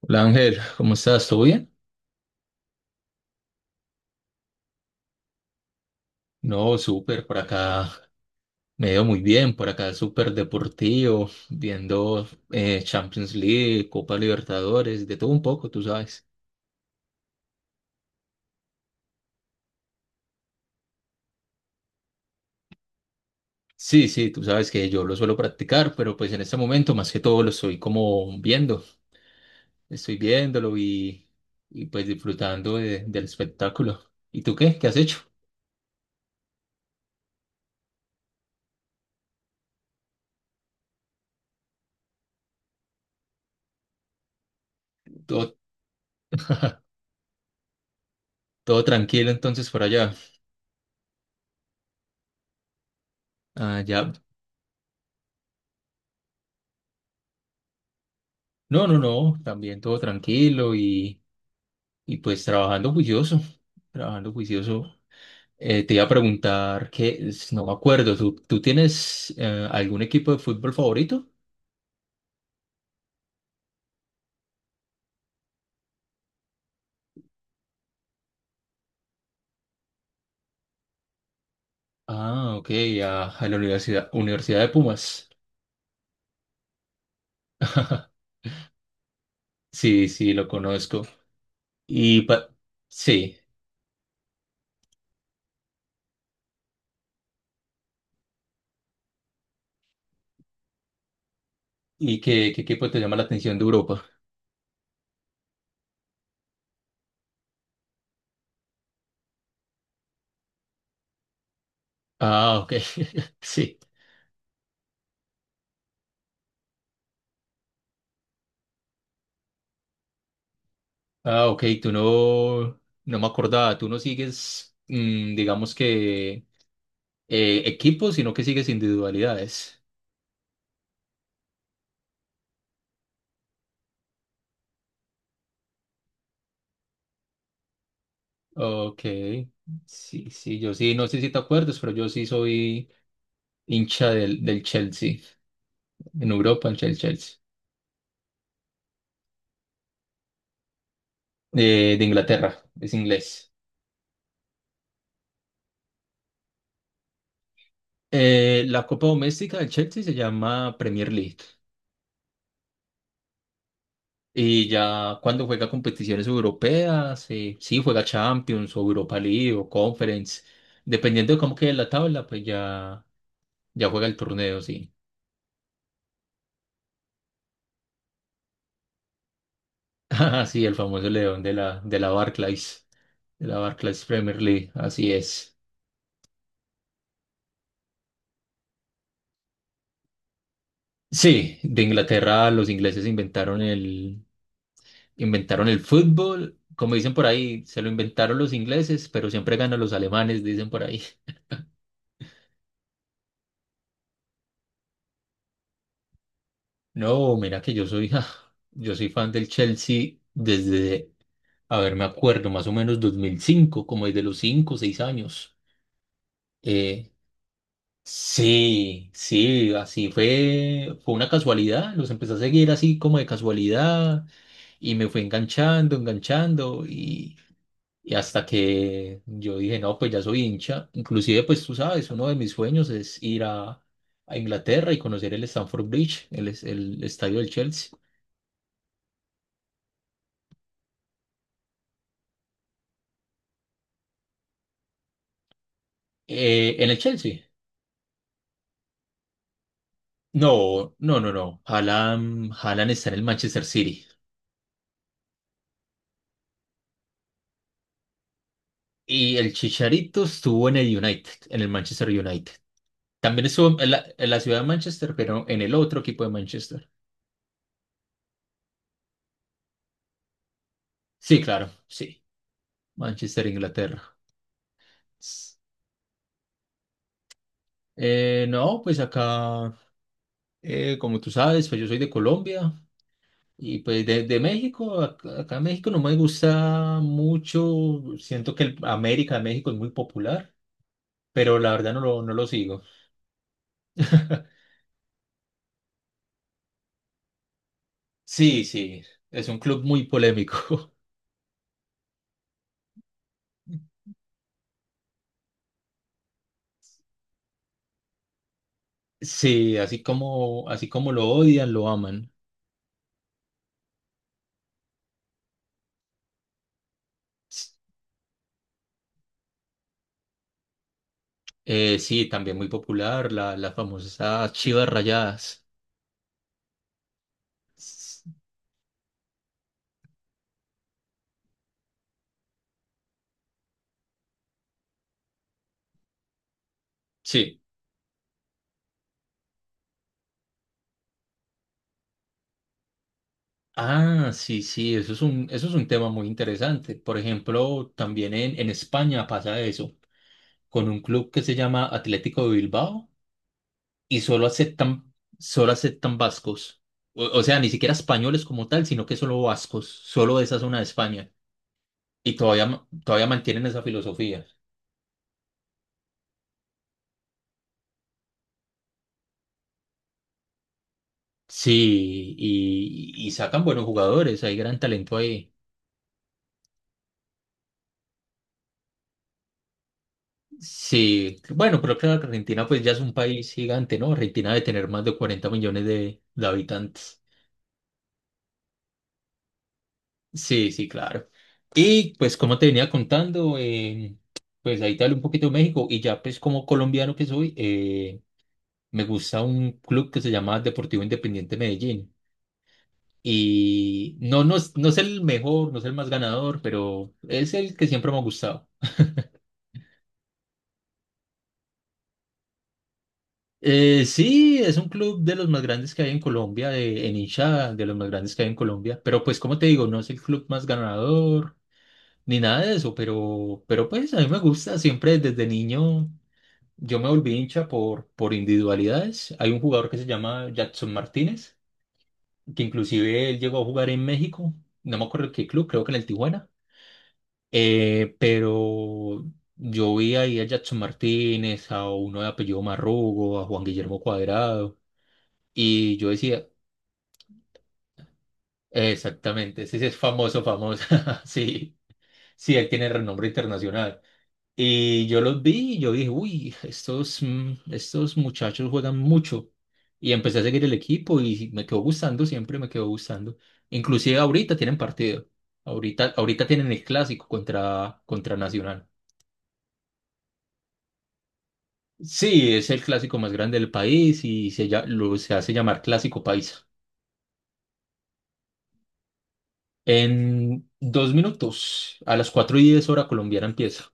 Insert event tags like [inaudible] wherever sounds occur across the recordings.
Hola, Ángel, ¿cómo estás? ¿Todo bien? No, súper, por acá me veo muy bien, por acá súper deportivo, viendo Champions League, Copa Libertadores, de todo un poco, tú sabes. Sí, sí, tú sabes que yo lo suelo practicar, pero pues en este momento más que todo lo estoy como viendo, estoy viéndolo y pues disfrutando del espectáculo. ¿Y tú qué? ¿Qué has hecho? Todo, todo tranquilo entonces por allá. Ah, ya. No, no, no, también todo tranquilo. Y pues trabajando juicioso, trabajando juicioso. Te iba a preguntar que no me acuerdo, ¿tú tienes algún equipo de fútbol favorito? Ah, ok, a la Universidad, de Pumas. [laughs] Sí, sí, lo conozco. Y pa- sí, ¿y qué equipo te llama la atención de Europa? Ah, ok, [laughs] sí. Ah, ok, tú no me acordaba, tú no sigues, digamos que equipos, sino que sigues individualidades. Ok, sí, sí, yo sí, no sé si te acuerdas, pero yo sí soy hincha del Chelsea, en Europa, hincha del Chelsea, de Inglaterra, es inglés. La Copa Doméstica del Chelsea se llama Premier League, y ya cuando juega competiciones europeas, sí, juega Champions o Europa League o Conference, dependiendo de cómo quede la tabla, pues ya, ya juega el torneo, sí. [laughs] Ah, sí, el famoso león de la, Barclays, de la Barclays Premier League, así es. Sí, de Inglaterra, los ingleses inventaron el fútbol. Como dicen por ahí, se lo inventaron los ingleses, pero siempre ganan los alemanes, dicen por ahí. [laughs] No, mira que yo soy fan del Chelsea desde, a ver, me acuerdo, más o menos 2005, como desde los 5, o 6 años. Eh, sí, sí, así fue, fue una casualidad. Los empecé a seguir así como de casualidad y me fue enganchando, enganchando. Y hasta que yo dije, no, pues ya soy hincha. Inclusive, pues tú sabes, uno de mis sueños es ir a Inglaterra y conocer el Stamford Bridge, el estadio del Chelsea. ¿En el Chelsea? No, no, no, no. Haaland, está en el Manchester City. Y el Chicharito estuvo en el United, en el Manchester United. También estuvo en la ciudad de Manchester, pero en el otro equipo de Manchester. Sí, claro, sí. Manchester, Inglaterra. No, pues acá. Como tú sabes, pues yo soy de Colombia y pues de México, acá, en México no me gusta mucho, siento que el América de México es muy popular, pero la verdad no lo sigo. [laughs] Sí, sí, es un club muy polémico. [laughs] Sí, así como lo odian, lo aman. S- sí, también muy popular, las famosas chivas rayadas. S- Sí. Ah, sí, sí, eso es un tema muy interesante. Por ejemplo, también en España pasa eso, con un club que se llama Atlético de Bilbao y solo aceptan vascos. O sea, ni siquiera españoles como tal, sino que solo vascos, solo de esa zona de España. Y todavía, todavía mantienen esa filosofía. Sí, y sacan buenos jugadores, hay gran talento ahí. Sí, bueno, pero claro, que Argentina pues ya es un país gigante, ¿no? Argentina debe tener más de 40 millones de habitantes. Sí, sí, claro. Y pues como te venía contando, pues ahí te hablo un poquito de México y ya pues como colombiano que soy, me gusta un club que se llama Deportivo Independiente Medellín. Y no, no, no es el mejor, no es el más ganador, pero es el que siempre me ha gustado. Sí, es un club de los más grandes que hay en Colombia, de, en hinchada, de los más grandes que hay en Colombia. Pero pues, como te digo, no es el club más ganador ni nada de eso, pero pues a mí me gusta, siempre desde niño yo me volví hincha por individualidades. Hay un jugador que se llama Jackson Martínez, que inclusive él llegó a jugar en México, no me acuerdo en qué club, creo que en el Tijuana. Pero yo vi ahí a Jackson Martínez, a uno de apellido Marrugo, a Juan Guillermo Cuadrado. Y yo decía, exactamente, ese sí es famoso, famoso. [laughs] Sí, sí, él tiene renombre internacional. Y yo los vi y yo dije, uy, estos muchachos juegan mucho. Y empecé a seguir el equipo y me quedó gustando, siempre me quedó gustando. Inclusive ahorita tienen partido. Ahorita, ahorita tienen el clásico contra Nacional. Sí, es el clásico más grande del país y se hace llamar Clásico Paisa. En 2 minutos, a las 4:10 hora colombiana empieza.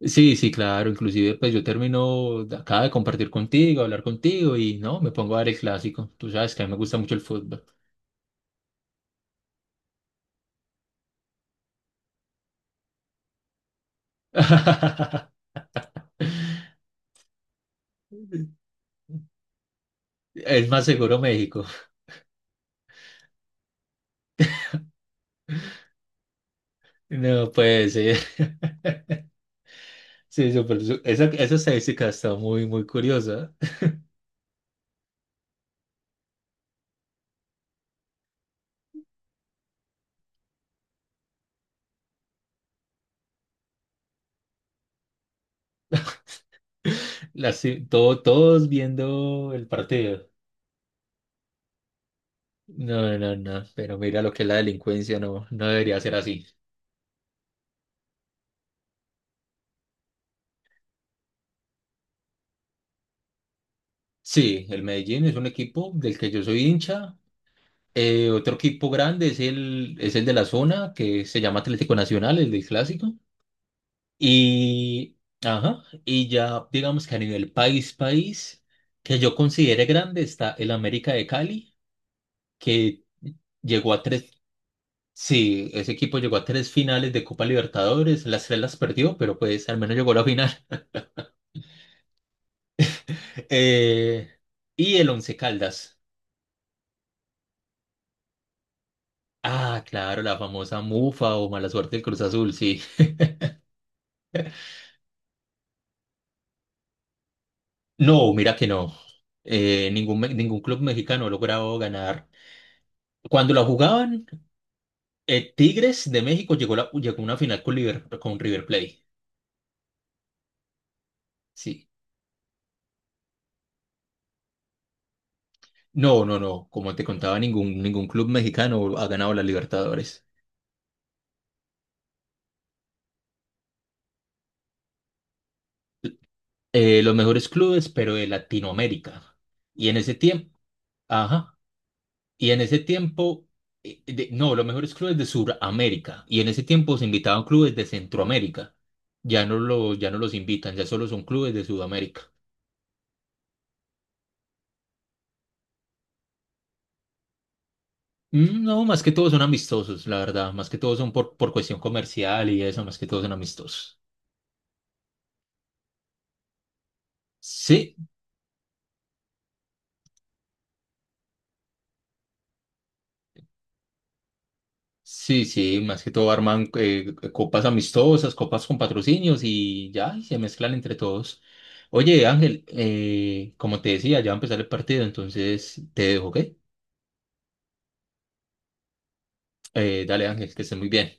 Sí, sí, claro, inclusive pues yo termino, acaba de compartir contigo, hablar contigo y no, me pongo a ver el clásico. Tú sabes que a mí me gusta mucho el fútbol. [laughs] Es más seguro México. No, pues sí, sí, esa, estadística está muy, muy curiosa. Las, todo, todos viendo el partido. No, no, no, pero mira lo que es la delincuencia, no, no debería ser así. Sí, el Medellín es un equipo del que yo soy hincha. Otro equipo grande es el de la zona, que se llama Atlético Nacional, el del clásico. Y, ajá, y ya digamos que a nivel país, país, que yo considere grande, está el América de Cali, que llegó a tres, sí, ese equipo llegó a tres finales de Copa Libertadores, las tres las perdió, pero pues al menos llegó a la final. [laughs] Eh, y el Once Caldas. Ah, claro, la famosa mufa o mala suerte del Cruz Azul, sí. No, mira que no. Ningún, ningún club mexicano ha logrado ganar. Cuando la jugaban, Tigres de México llegó a una final con River Plate. Sí. No, no, no. Como te contaba, ningún club mexicano ha ganado la Libertadores. Los mejores clubes, pero de Latinoamérica. Y en ese tiempo, ajá. Y en ese tiempo, no, los mejores clubes de Sudamérica. Y en ese tiempo se invitaban clubes de Centroamérica. Ya no lo, ya no los invitan, ya solo son clubes de Sudamérica. Mm, no, más que todos son amistosos, la verdad. Más que todos son por cuestión comercial y eso, más que todos son amistosos. Sí, sí, sí, más que todo arman copas amistosas, copas con patrocinios y ya, y se mezclan entre todos. Oye, Ángel, como te decía, ya va a empezar el partido, entonces te dejo, ¿ok? Dale, Ángel, que estés muy bien.